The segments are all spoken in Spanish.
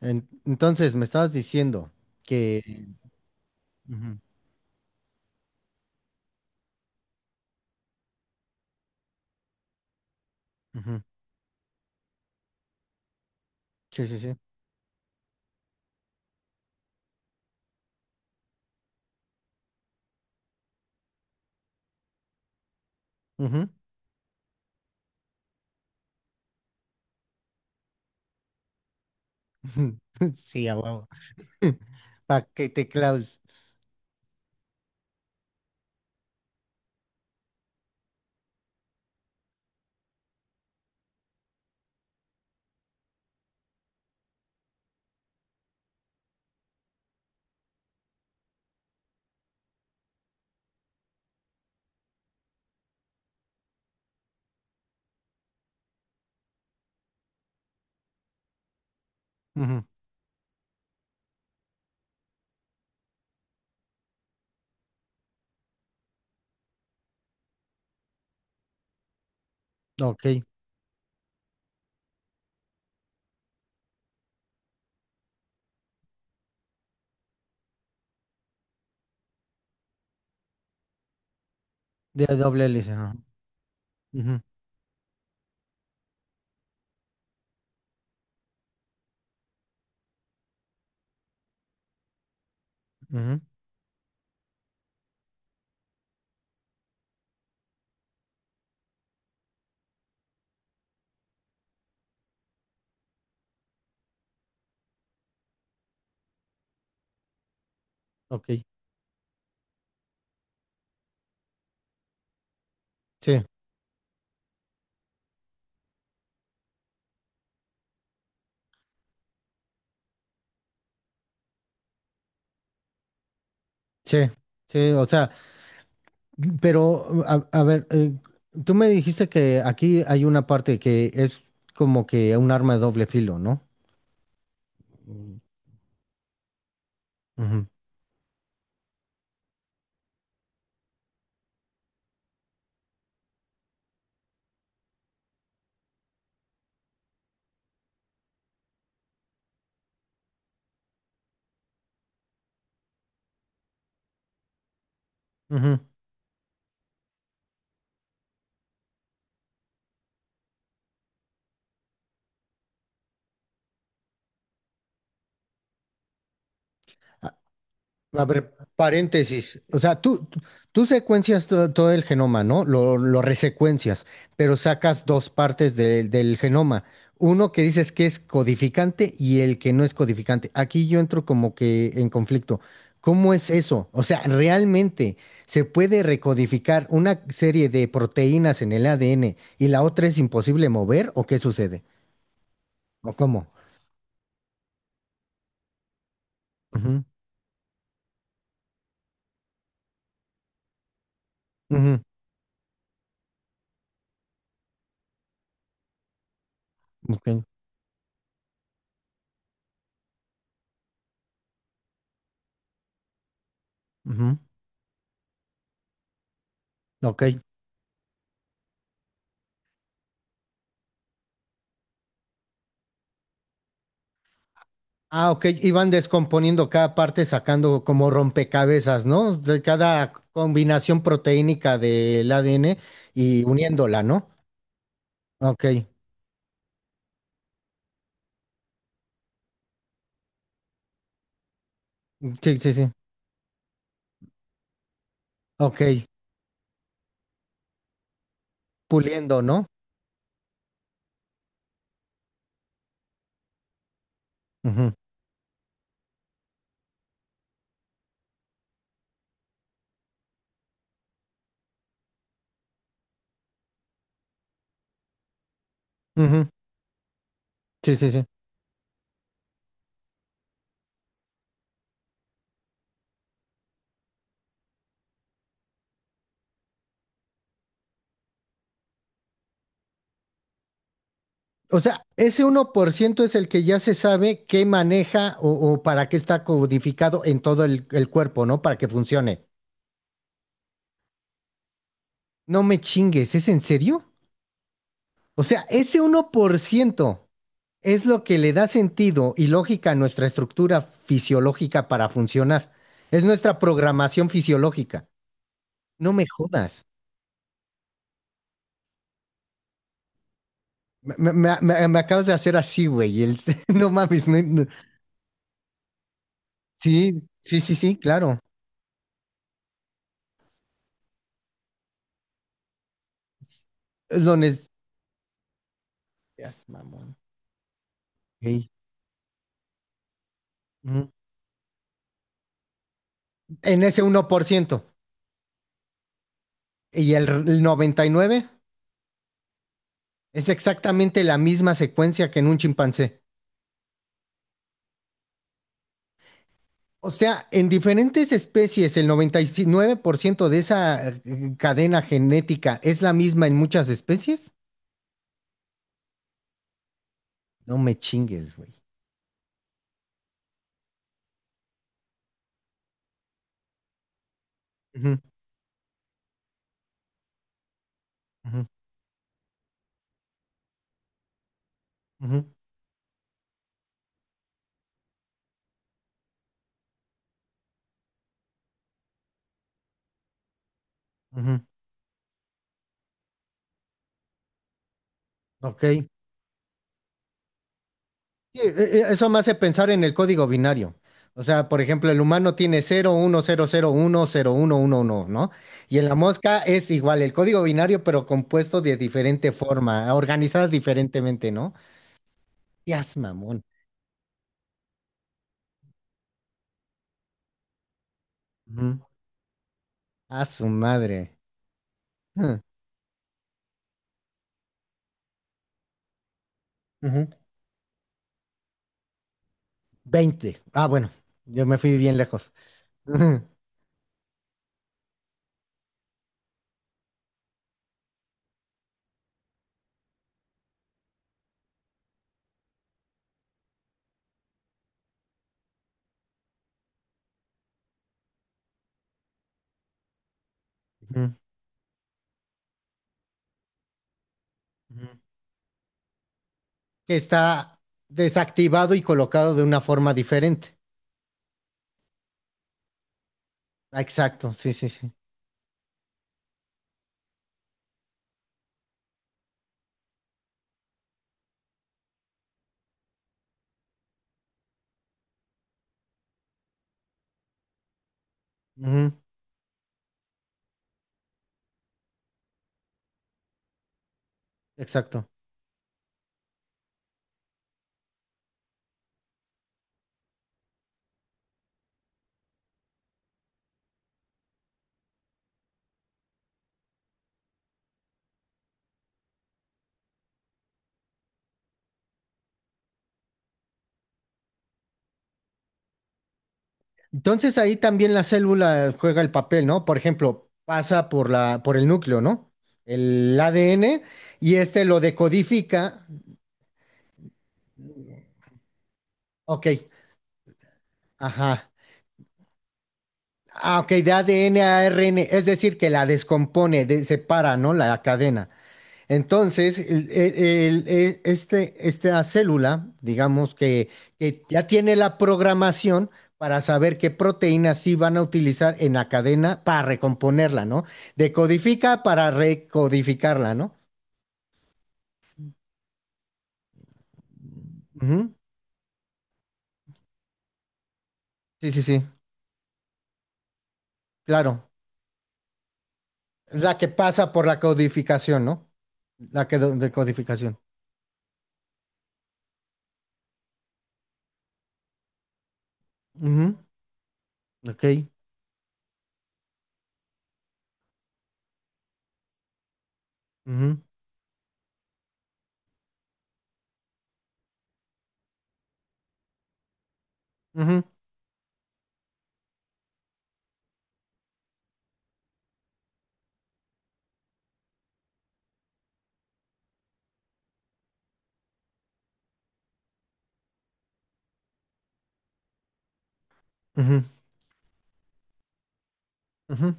Entonces, me estabas diciendo que... Ujú, ujú. Sí, sí, sí. Ujú. Sí, a huevo. Pa' que te claves. Ujú. Ok. De doble hélice, ajá. Ujú, ujú. Ok. Sí, sí, sí. O sea, pero a ver, tú me dijiste que aquí hay una parte que es como que un arma de doble filo, ¿no? Mm. Ujú, ujú. A ver, paréntesis. O sea, tú secuencias todo el genoma, ¿no? Lo resecuencias, pero sacas dos partes del genoma. Uno que dices que es codificante y el que no es codificante. Aquí yo entro como que en conflicto. ¿Cómo es eso? O sea, ¿realmente se puede recodificar una serie de proteínas en el ADN y la otra es imposible mover? ¿O qué sucede? ¿O cómo? Ujú, ujú, ok, ujú, ok. Ah, ok, iban descomponiendo cada parte, sacando como rompecabezas, ¿no? De cada combinación proteínica del ADN y uniéndola, ¿no? Ok, sí, sí, sí. Ok, puliendo, ¿no? Ujú, ujú. Sí, sí, sí. O sea, ese 1% es el que ya se sabe qué maneja o para qué está codificado en todo el cuerpo, ¿no? Para que funcione. No me chingues, ¿es en serio? O sea, ese uno por ciento. Es lo que le da sentido y lógica a nuestra estructura fisiológica para funcionar. Es nuestra programación fisiológica. No me jodas. Me acabas de hacer así, güey. No mames. No. Sí, sí, sí, sí, claro. Lo nes- Seas mamón. Ey. Ujú. En ese 1%. Y el 99% es exactamente la misma secuencia que en un chimpancé. O sea, en diferentes especies, el 99% de esa cadena genética es la misma en muchas especies. No me chingues, güey. Ujú, ujú, ujú, ujú. Ok. Sí, e- Eso me hace pensar en el código binario. O sea, por ejemplo, el humano tiene cero uno cero cero uno cero uno uno uno, ¿no? Y en la mosca es igual el código binario, pero compuesto de diferente forma, organizadas diferentemente, ¿no? Ya mamón. Ujú. A su madre. Ujú. Veinte. Ah, bueno, yo me fui bien lejos. Ujú, ujú, ujú. Que está desactivado y colocado de una forma diferente. Ah, exacto, sí, sí, sí. Ujú, exacto. Entonces ahí también la célula juega el papel, ¿no? Por ejemplo, pasa por la, por el núcleo, ¿no? El ADN y este lo decodifica. Ok, ajá. Ah, ok, de ADN a ARN, es decir, que la descompone, separa, ¿no? La cadena. Entonces, este, esta célula, digamos que ya tiene la programación para saber qué proteínas sí van a utilizar en la cadena para recomponerla, ¿no? Decodifica para recodificarla, ¿no? Ujú. Sí, sí, sí, claro. Es la que pasa por la codificación, ¿no? La que decodificación. Ujú. Ok. Ujú. Ujú. Ujú. Ujú.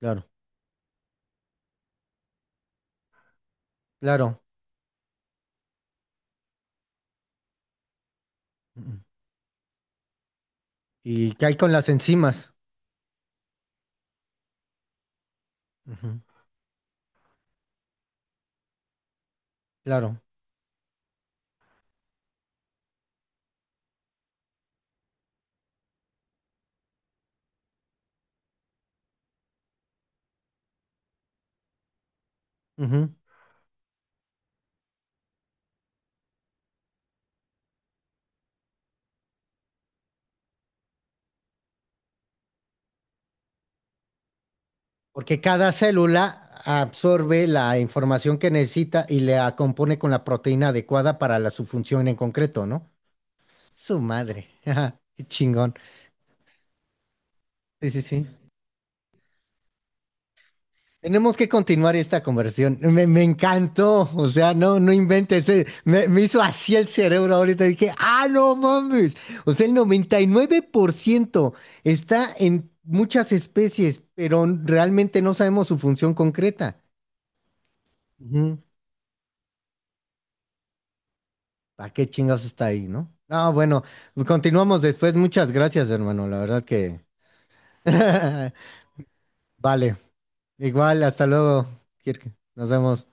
Claro, claro. Ujú. ¿Y qué hay con las enzimas? Ujú. Claro. Ujú. Porque cada célula absorbe la información que necesita y la compone con la proteína adecuada para la, su función en concreto, ¿no? Su madre. Ajá, qué chingón. Sí, sí, sí. Tenemos que continuar esta conversión. Me encantó. O sea, no, no inventes. Eh. Me hizo así el cerebro ahorita. Dije, ah, no mames. O sea, el 99% está en muchas especies, pero realmente no sabemos su función concreta. ¿Para qué chingados está ahí, no? No, bueno, continuamos después. Muchas gracias, hermano. La verdad que... Vale, igual, hasta luego, Kirk. Nos vemos.